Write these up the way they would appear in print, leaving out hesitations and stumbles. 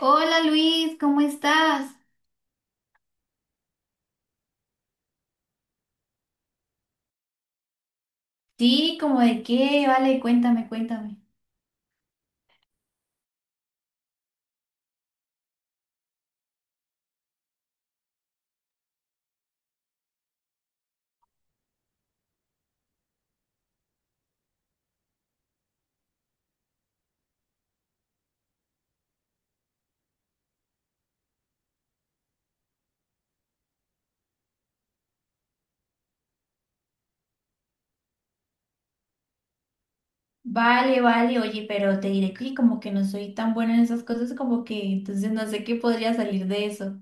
Hola Luis, ¿cómo estás? Sí, ¿como de qué? Vale, cuéntame, cuéntame. Vale, vale, oye, pero te diré que como que no soy tan buena en esas cosas, como que entonces no sé qué podría salir de eso.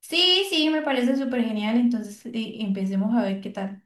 Sí, sí, me parece súper genial, entonces empecemos a ver qué tal.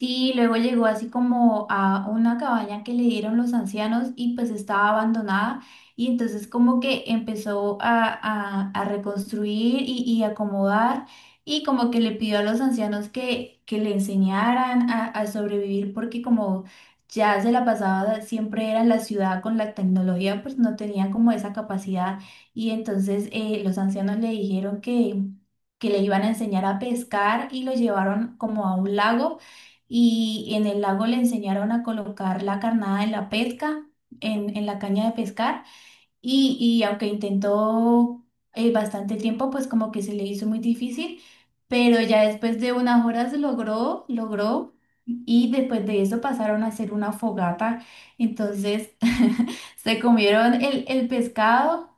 Sí, luego llegó así como a una cabaña que le dieron los ancianos y pues estaba abandonada y entonces como que empezó a reconstruir y acomodar y como que le pidió a los ancianos que le enseñaran a sobrevivir porque como ya se la pasaba siempre era en la ciudad con la tecnología pues no tenían como esa capacidad y entonces los ancianos le dijeron que le iban a enseñar a pescar y lo llevaron como a un lago y en el lago le enseñaron a colocar la carnada en la pesca, en la caña de pescar, y aunque intentó bastante tiempo, pues como que se le hizo muy difícil, pero ya después de unas horas logró, logró, y después de eso pasaron a hacer una fogata, entonces se comieron el pescado.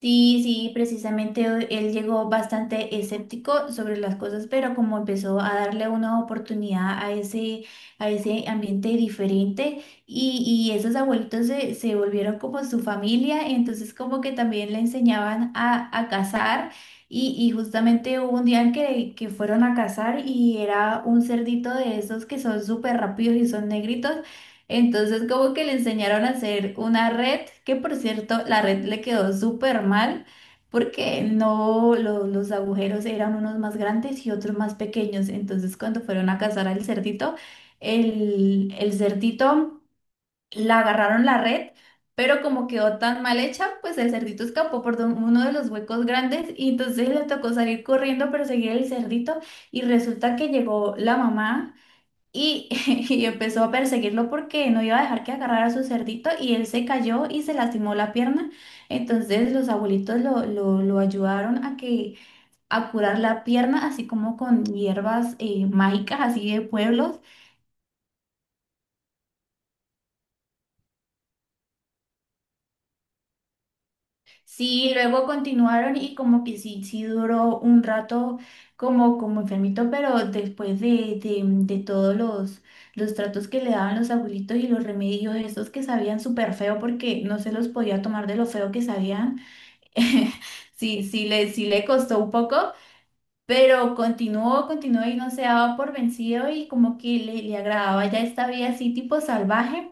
Sí, sí, precisamente él llegó bastante escéptico sobre las cosas, pero como empezó a darle una oportunidad a ese ambiente diferente y esos abuelitos se volvieron como su familia, entonces como que también le enseñaban a cazar y justamente hubo un día en que fueron a cazar y era un cerdito de esos que son súper rápidos y son negritos. Entonces, como que le enseñaron a hacer una red, que por cierto, la red le quedó súper mal porque no, los agujeros eran unos más grandes y otros más pequeños. Entonces, cuando fueron a cazar al cerdito, el cerdito la agarraron la red, pero como quedó tan mal hecha, pues el cerdito escapó por don- uno de los huecos grandes y entonces le tocó salir corriendo, perseguir el cerdito y resulta que llegó la mamá. Y, y empezó a perseguirlo porque no iba a dejar que agarrara a su cerdito y él se cayó y se lastimó la pierna. Entonces los abuelitos lo ayudaron a que a curar la pierna, así como con hierbas mágicas, así de pueblos. Sí, luego continuaron y como que sí, sí duró un rato como, como enfermito, pero después de todos los tratos que le daban los abuelitos y los remedios, esos que sabían súper feo porque no se los podía tomar de lo feo que sabían. Sí, sí le costó un poco, pero continuó, continuó y no se daba por vencido y como que le agradaba ya esta vida así tipo salvaje.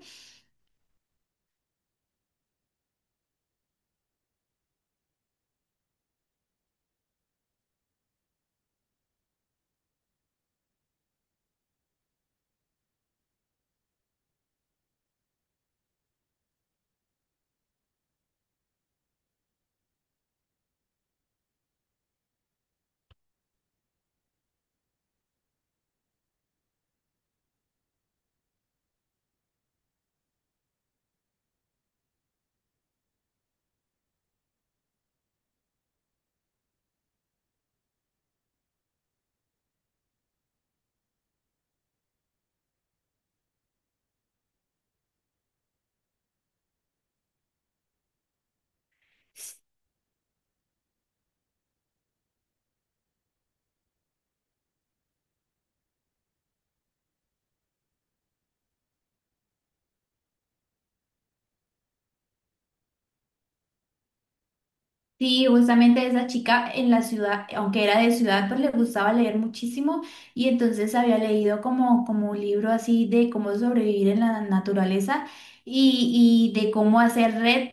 Sí, justamente esa chica en la ciudad, aunque era de ciudad, pues le gustaba leer muchísimo y entonces había leído como, como un libro así de cómo sobrevivir en la naturaleza y de cómo hacer red.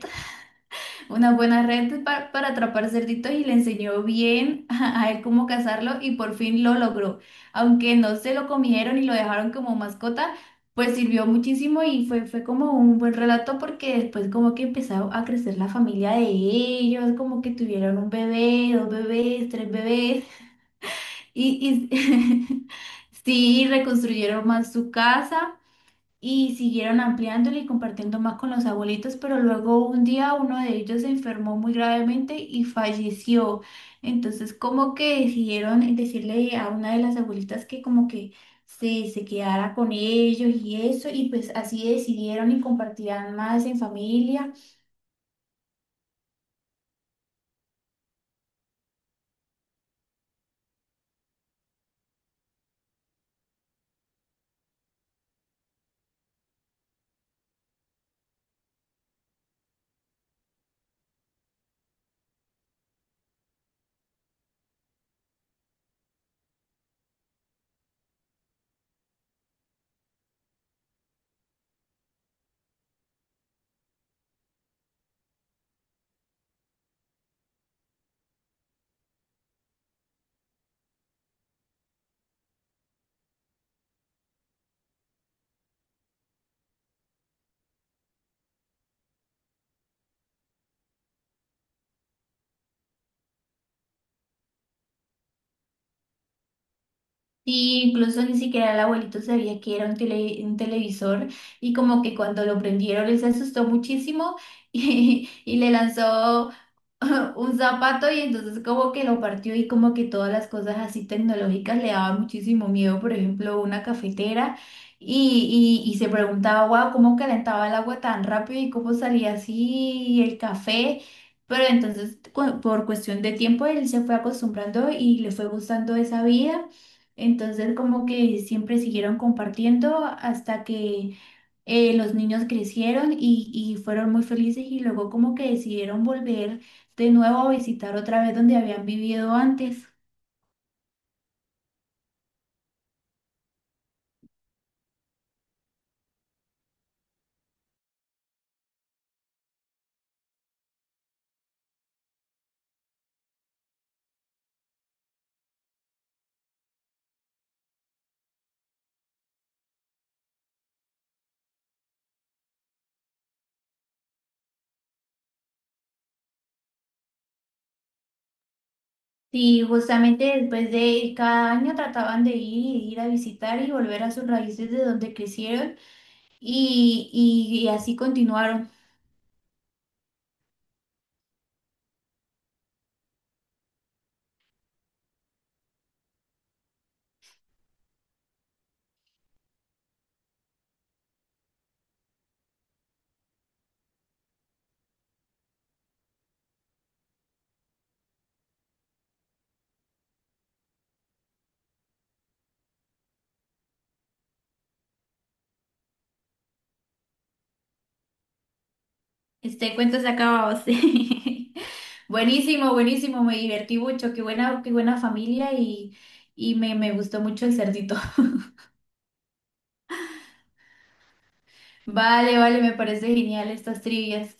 Una buena red para atrapar cerditos y le enseñó bien a él cómo cazarlo y por fin lo logró. Aunque no se lo comieron y lo dejaron como mascota, pues sirvió muchísimo y fue, fue como un buen relato porque después como que empezó a crecer la familia de ellos, como que tuvieron un bebé, dos bebés, tres bebés y sí, reconstruyeron más su casa y siguieron ampliándole y compartiendo más con los abuelitos, pero luego un día uno de ellos se enfermó muy gravemente y falleció. Entonces, como que decidieron decirle a una de las abuelitas que como que se quedara con ellos y eso, y pues así decidieron y compartirán más en familia. Y incluso ni siquiera el abuelito sabía que era un, un televisor y como que cuando lo prendieron él se asustó muchísimo y le lanzó un zapato y entonces como que lo partió y como que todas las cosas así tecnológicas le daban muchísimo miedo, por ejemplo, una cafetera y se preguntaba, wow, ¿cómo calentaba el agua tan rápido y cómo salía así el café? Pero entonces por cuestión de tiempo él se fue acostumbrando y le fue gustando esa vida. Entonces, como que siempre siguieron compartiendo hasta que los niños crecieron y fueron muy felices y luego como que decidieron volver de nuevo a visitar otra vez donde habían vivido antes. Y justamente después de ir cada año trataban de ir a visitar y volver a sus raíces de donde crecieron y, y así continuaron. Este cuento se ha acabado, sí. Buenísimo, buenísimo, me divertí mucho, qué buena familia y, y me gustó mucho el cerdito. Vale, vale, me parece genial estas trivias.